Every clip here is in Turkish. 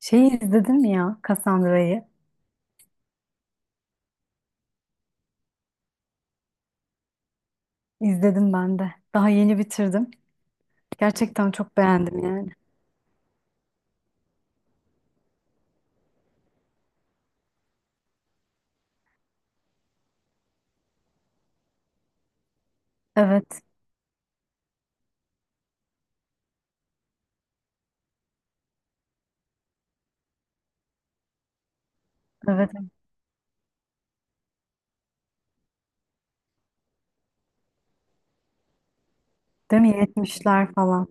Şeyi izledin mi ya Cassandra'yı? İzledim ben de. Daha yeni bitirdim. Gerçekten çok beğendim yani. Evet, evet. Değil mi? 70'ler falan.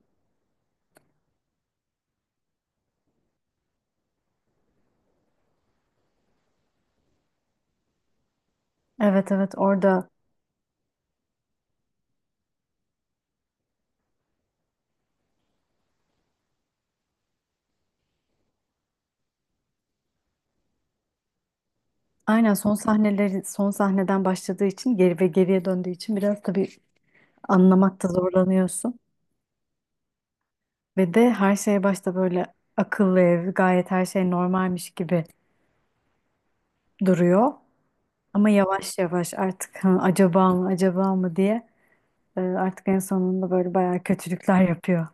Evet, evet. Orada aynen son sahneleri son sahneden başladığı için geri ve geriye döndüğü için biraz tabii anlamakta zorlanıyorsun. Ve de her şey başta böyle akıllı ev, gayet her şey normalmiş gibi duruyor. Ama yavaş yavaş artık "Hı, acaba mı acaba mı" diye artık en sonunda böyle bayağı kötülükler yapıyor.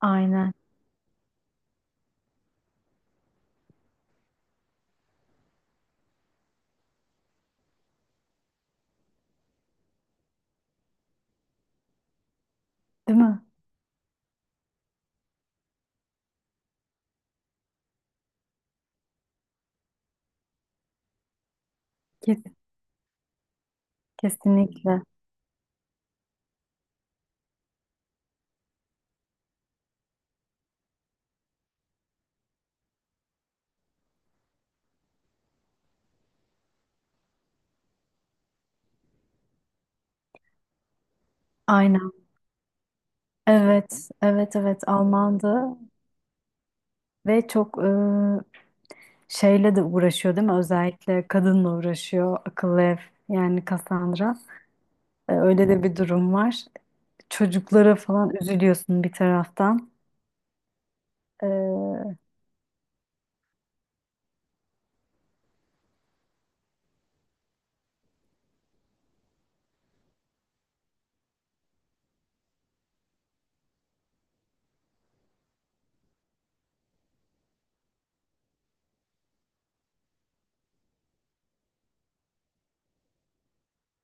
Aynen, değil mi? Kes- kesinlikle. Aynen. Evet, evet, evet Almandı ve çok şeyle de uğraşıyor değil mi? Özellikle kadınla uğraşıyor, akıllı ev yani Cassandra. E, öyle de bir durum var. Çocuklara falan üzülüyorsun bir taraftan. E,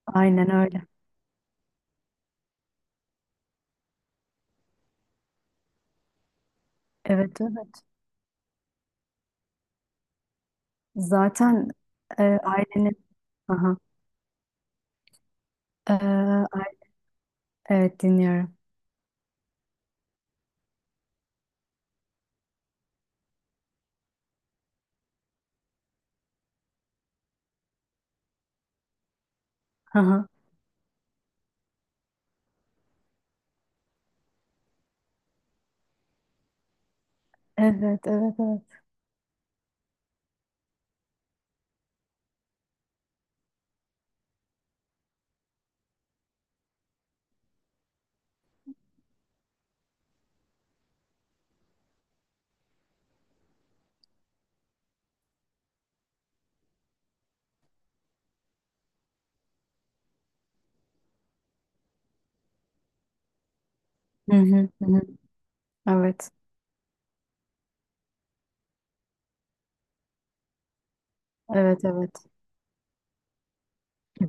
aynen öyle. Evet, evet. Zaten ailenin... Aha. E, ay- evet dinliyorum. Aha. Evet, evet, evet. Hı hı, hı hı. Evet. Evet evet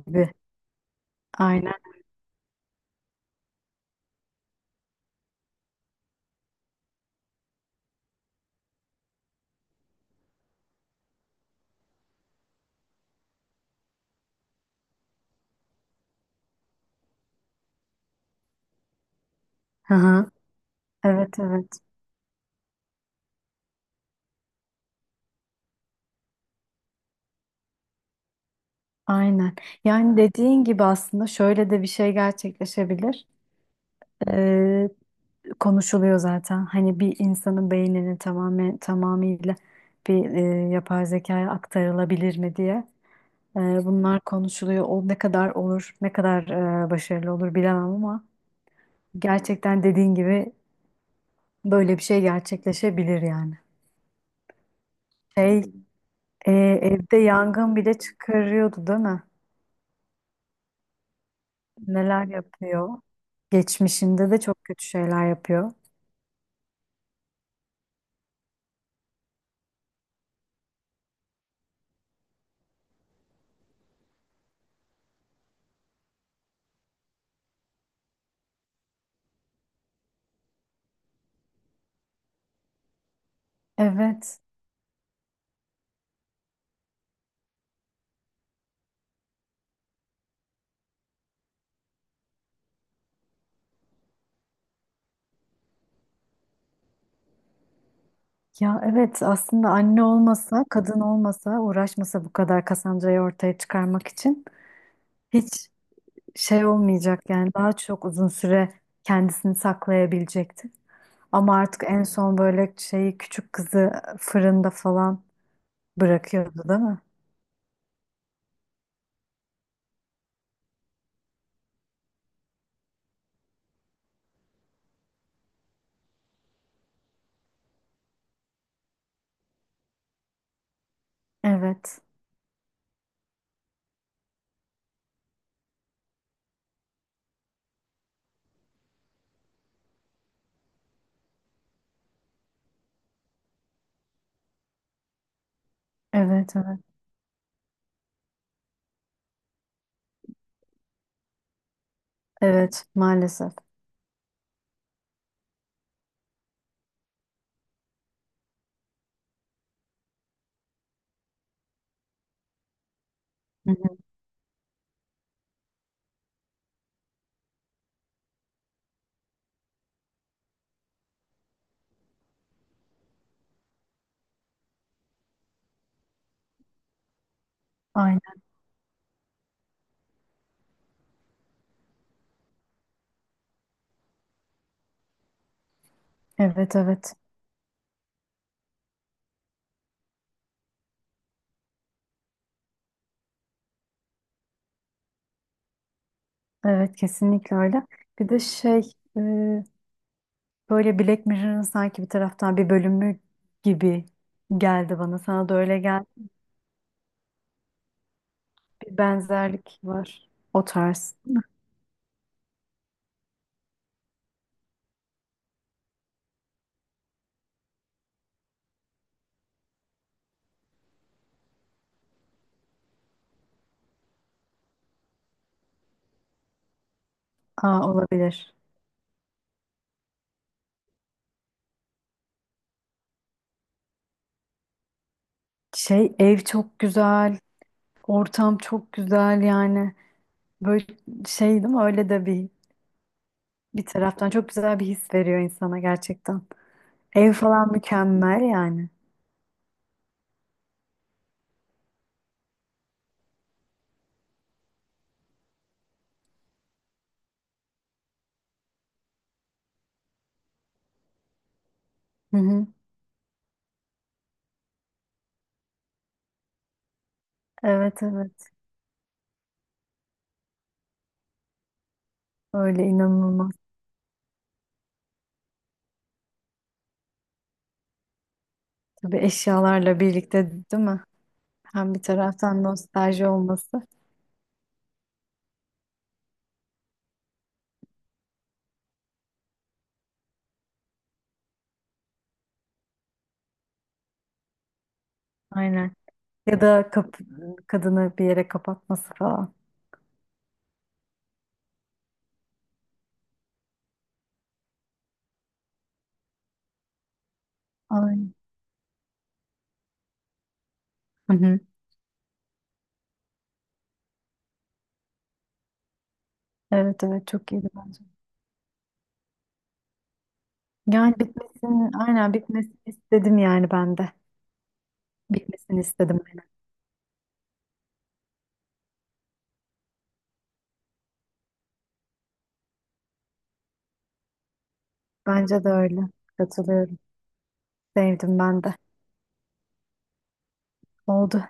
gibi. Aynen. Hı hı. Evet evet aynen. Yani dediğin gibi aslında şöyle de bir şey gerçekleşebilir. Ee, konuşuluyor zaten. Hani bir insanın beyninin tamamıyla bir yapay zekaya aktarılabilir mi diye. Bunlar konuşuluyor. O ne kadar olur, ne kadar başarılı olur bilemem ama gerçekten dediğin gibi böyle bir şey gerçekleşebilir yani. Şey, Evde yangın bile çıkarıyordu değil mi? Neler yapıyor. Geçmişinde de çok kötü şeyler yapıyor. Evet. Ya evet aslında anne olmasa, kadın olmasa, uğraşmasa bu kadar Cassandra'yı ortaya çıkarmak için hiç şey olmayacak yani daha çok uzun süre kendisini saklayabilecekti. Ama artık en son böyle şeyi küçük kızı fırında falan bırakıyordu değil mi? Evet. Evet, evet. Evet, maalesef. Hı hı. Aynen. Evet, evet. Evet kesinlikle öyle. Bir de şey e, böyle Black Mirror'ın sanki bir taraftan bir bölümü gibi geldi bana. Sana da öyle geldi. Bir benzerlik var. O tarz. Aa, olabilir. Şey ev çok güzel. Ortam çok güzel yani. Böyle şey değil mi? Öyle de bir bir taraftan çok güzel bir his veriyor insana gerçekten. Ev falan mükemmel yani. Hı hı. Evet evet. Öyle inanılmaz. Tabii eşyalarla birlikte değil mi? Hem bir taraftan nostalji olması aynen. ya da kap Kadını bir yere kapatması falan. Aynen. Hı hı. Evet evet çok iyiydi bence. Yani bitmesini aynen bitmesini istedim yani ben de. Bitmesini istedim aynen. Bence de öyle. Katılıyorum. Sevdim ben de. Oldu.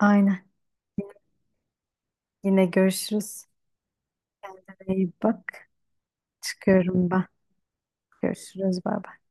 Aynen. Yine görüşürüz. Kendine iyi bak. Çıkıyorum ben. Görüşürüz. Bay bay.